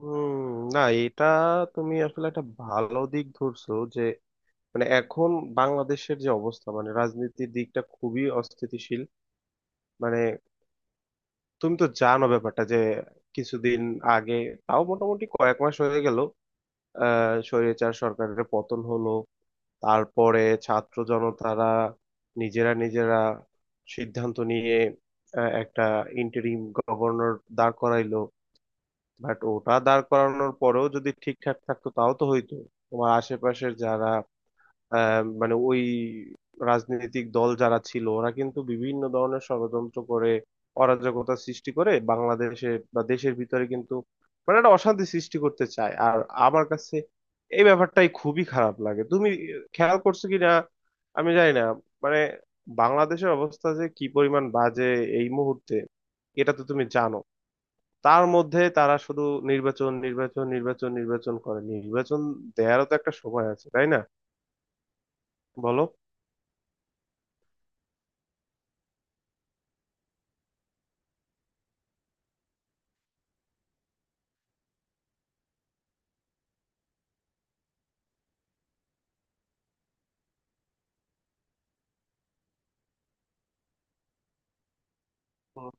হুম। না, এটা তুমি আসলে একটা ভালো দিক ধরছো যে মানে এখন বাংলাদেশের যে অবস্থা, মানে রাজনীতির দিকটা খুবই অস্থিতিশীল। মানে তুমি তো জানো ব্যাপারটা যে কিছুদিন আগে, তাও মোটামুটি কয়েক মাস হয়ে গেল, স্বৈরাচার সরকারের পতন হলো। তারপরে ছাত্র জনতারা নিজেরা নিজেরা সিদ্ধান্ত নিয়ে একটা ইন্টারিম গভর্নর দাঁড় করাইলো। বাট ওটা দাঁড় করানোর পরেও যদি ঠিকঠাক থাকতো তাও তো হইতো। তোমার আশেপাশের যারা মানে ওই রাজনৈতিক দল যারা ছিল, ওরা কিন্তু বিভিন্ন ধরনের ষড়যন্ত্র করে অরাজকতা সৃষ্টি করে বাংলাদেশে বা দেশের ভিতরে, কিন্তু মানে একটা অশান্তি সৃষ্টি করতে চায়। আর আমার কাছে এই ব্যাপারটাই খুবই খারাপ লাগে। তুমি খেয়াল করছো কি না আমি জানি না, মানে বাংলাদেশের অবস্থা যে কি পরিমাণ বাজে এই মুহূর্তে, এটা তো তুমি জানো। তার মধ্যে তারা শুধু নির্বাচন নির্বাচন নির্বাচন নির্বাচন করে, নির্বাচন দেয়ারও তো একটা সময় আছে, তাই না? বলো। হুম।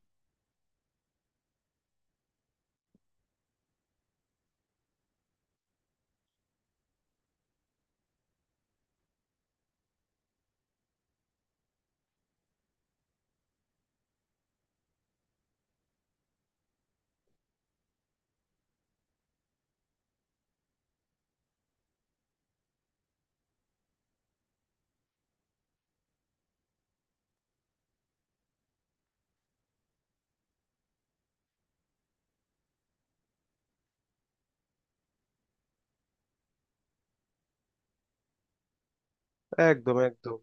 একদম, একদম।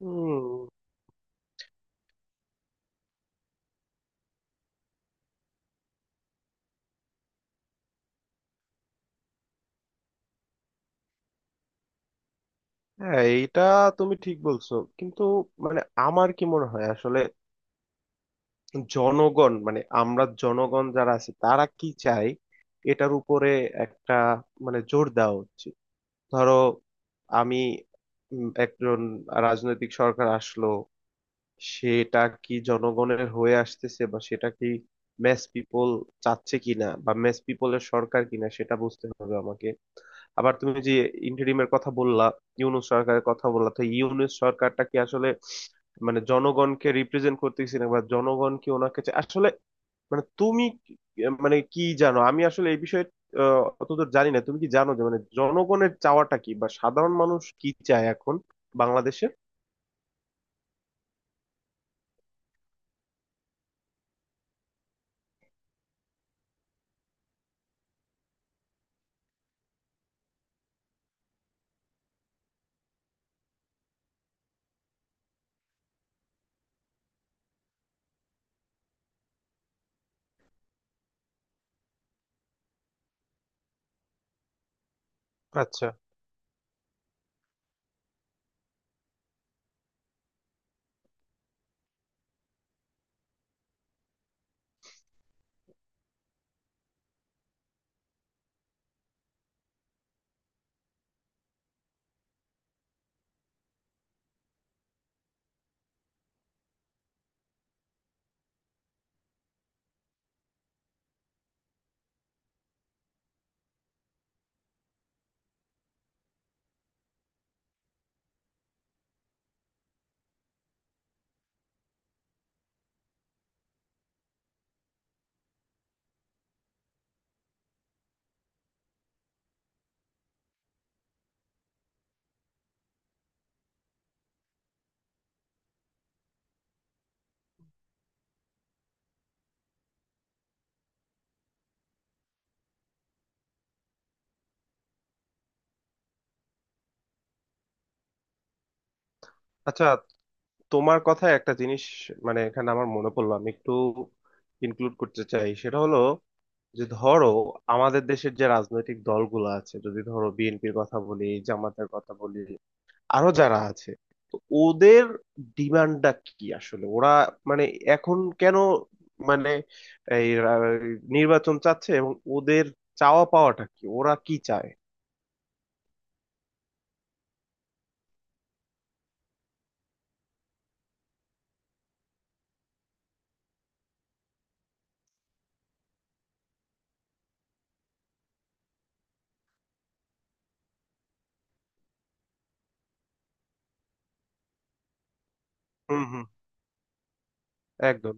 হম। হ্যাঁ, এইটা তুমি ঠিক বলছো, কিন্তু মানে আমার কি মনে হয় আসলে, জনগণ মানে আমরা জনগণ যারা আছি তারা কি চাই এটার উপরে একটা মানে জোর দেওয়া উচিত। ধরো আমি একজন রাজনৈতিক সরকার আসলো, সেটা কি জনগণের হয়ে আসতেছে বা সেটা কি ম্যাস পিপল চাচ্ছে কিনা বা ম্যাস পিপলের সরকার কিনা সেটা বুঝতে হবে আমাকে। আবার তুমি যে ইন্টারিমের কথা বললা, ইউনূস সরকারের কথা বললা, তো ইউনূস সরকারটা কি আসলে মানে জনগণকে রিপ্রেজেন্ট করতেছে না বা জনগণ কি ওনাকে আসলে মানে মানে কি জানো, আমি আসলে এই বিষয়ে অতদূর জানি না। তুমি কি জানো যে মানে জনগণের চাওয়াটা কি বা সাধারণ মানুষ কি চায় এখন বাংলাদেশে? আচ্ছা। আচ্ছা, তোমার কথায় একটা জিনিস মানে এখানে আমার মনে পড়লো, আমি একটু ইনক্লুড করতে চাই। সেটা হলো যে ধরো আমাদের দেশের যে রাজনৈতিক দলগুলো আছে, যদি ধরো বিএনপির কথা বলি, জামাতের কথা বলি, আরো যারা আছে, তো ওদের ডিমান্ডটা কি আসলে? ওরা মানে এখন কেন মানে এই রা- নির্বাচন চাচ্ছে, এবং ওদের চাওয়া পাওয়াটা কি, ওরা কি চায়? হুম, হুম। একদম।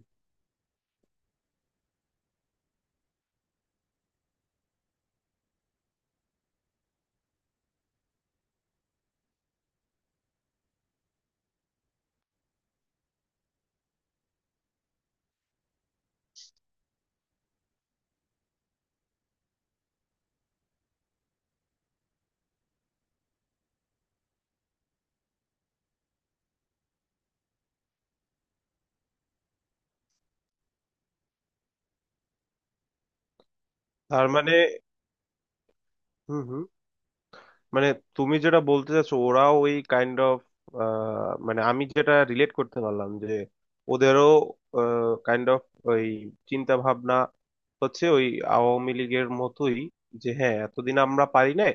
তার মানে, হুম, হুম, মানে তুমি যেটা বলতে চাচ্ছ ওরাও ওই কাইন্ড অফ, মানে আমি যেটা রিলেট করতে পারলাম যে ওদেরও কাইন্ড অফ ওই চিন্তা ভাবনা হচ্ছে ওই আওয়ামী লীগের মতোই, যে হ্যাঁ, এতদিন আমরা পারি নাই,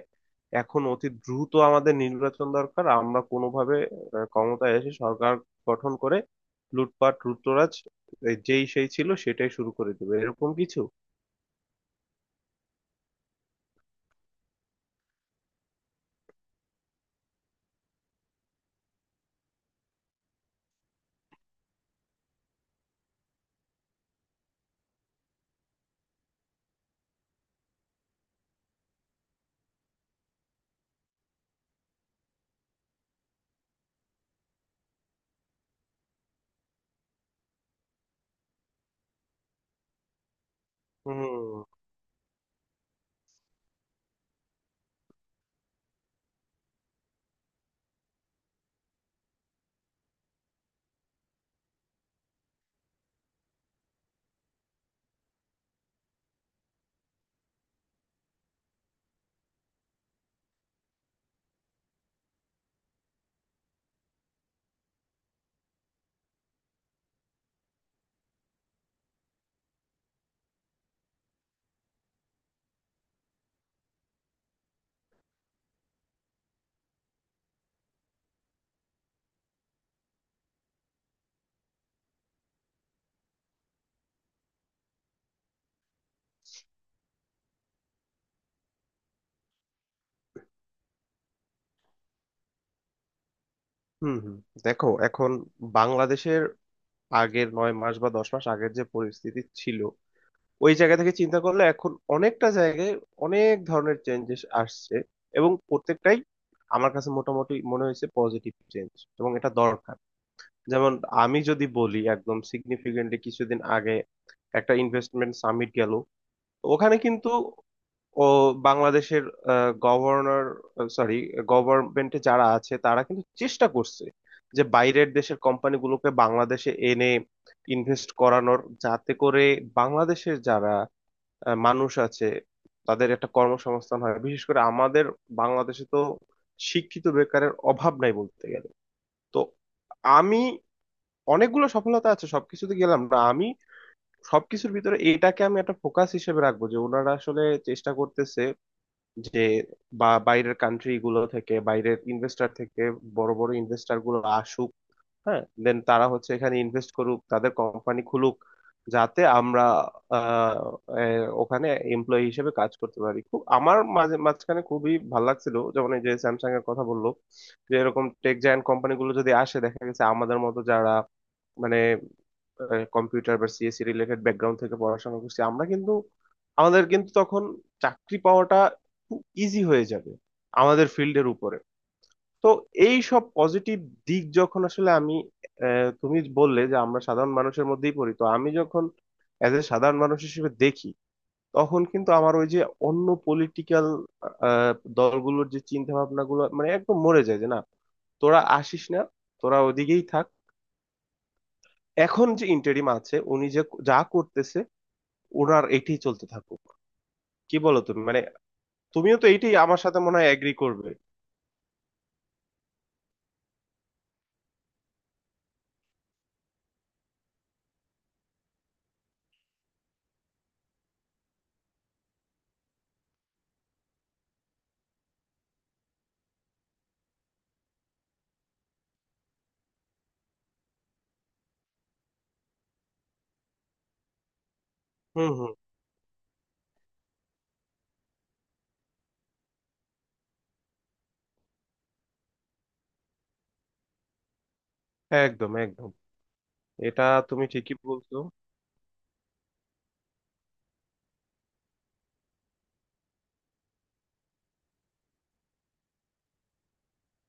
এখন অতি দ্রুত আমাদের নির্বাচন দরকার, আমরা কোনোভাবে ক্ষমতায় এসে সরকার গঠন করে লুটপাট লুটতরাজ এই যেই সেই ছিল সেটাই শুরু করে দেবে, এরকম কিছু। হুম, হুম। হুম। দেখো, এখন বাংলাদেশের আগের 9 মাস বা 10 মাস আগের যে পরিস্থিতি ছিল ওই জায়গা থেকে চিন্তা করলে এখন অনেকটা জায়গায় অনেক ধরনের চেঞ্জেস আসছে, এবং প্রত্যেকটাই আমার কাছে মোটামুটি মনে হয়েছে পজিটিভ চেঞ্জ, এবং এটা দরকার। যেমন আমি যদি বলি একদম সিগনিফিকেন্টলি, কিছুদিন আগে একটা ইনভেস্টমেন্ট সামিট গেল। ওখানে কিন্তু ও বাংলাদেশের গভর্নর, সরি, গভর্নমেন্টে যারা আছে তারা কিন্তু চেষ্টা করছে যে বাইরের দেশের কোম্পানিগুলোকে বাংলাদেশে এনে ইনভেস্ট করানোর, যাতে করে বাংলাদেশের যারা মানুষ আছে তাদের একটা কর্মসংস্থান হয়। বিশেষ করে আমাদের বাংলাদেশে তো শিক্ষিত বেকারের অভাব নাই বলতে গেলে। তো আমি, অনেকগুলো সফলতা আছে, সবকিছুতে গেলাম না আমি, সবকিছুর ভিতরে এটাকে আমি একটা ফোকাস হিসেবে রাখবো যে ওনারা আসলে চেষ্টা করতেছে যে বা বাইরের কান্ট্রি গুলো থেকে, বাইরের ইনভেস্টর থেকে বড় বড় ইনভেস্টর গুলো আসুক। হ্যাঁ, দেন তারা হচ্ছে এখানে ইনভেস্ট করুক, তাদের কোম্পানি খুলুক, যাতে আমরা আহ, ওখানে এমপ্লয়ি হিসেবে কাজ করতে পারি। খুব আমার মাঝে মাঝখানে খুবই ভালো লাগছিল, যেমন এই যে স্যামসাং এর কথা বললো, যে এরকম টেক জায়ান্ট কোম্পানি গুলো যদি আসে দেখা গেছে আমাদের মতো যারা মানে কম্পিউটার বা সিএসসি রিলেটেড ব্যাকগ্রাউন্ড থেকে পড়াশোনা করছি আমরা, কিন্তু আমাদের কিন্তু তখন চাকরি পাওয়াটা খুব ইজি হয়ে যাবে আমাদের ফিল্ডের উপরে। তো এই সব পজিটিভ দিক যখন আসলে আমি, তুমি বললে যে আমরা সাধারণ মানুষের মধ্যেই পড়ি, তো আমি যখন এজ এ সাধারণ মানুষ হিসেবে দেখি, তখন কিন্তু আমার ওই যে অন্য পলিটিক্যাল দলগুলোর যে চিন্তা ভাবনা গুলো মানে একদম মরে যায়, যে না, তোরা আসিস না, তোরা ওদিকেই থাক, এখন যে ইন্টারিম আছে উনি যে যা করতেছে ওনার এটাই চলতে থাকুক। কি বলো তুমি, মানে তুমিও তো এইটাই আমার সাথে মনে হয় এগ্রি করবে। হুম, হুম। একদম, একদম। এটা তুমি ঠিকই বলছো।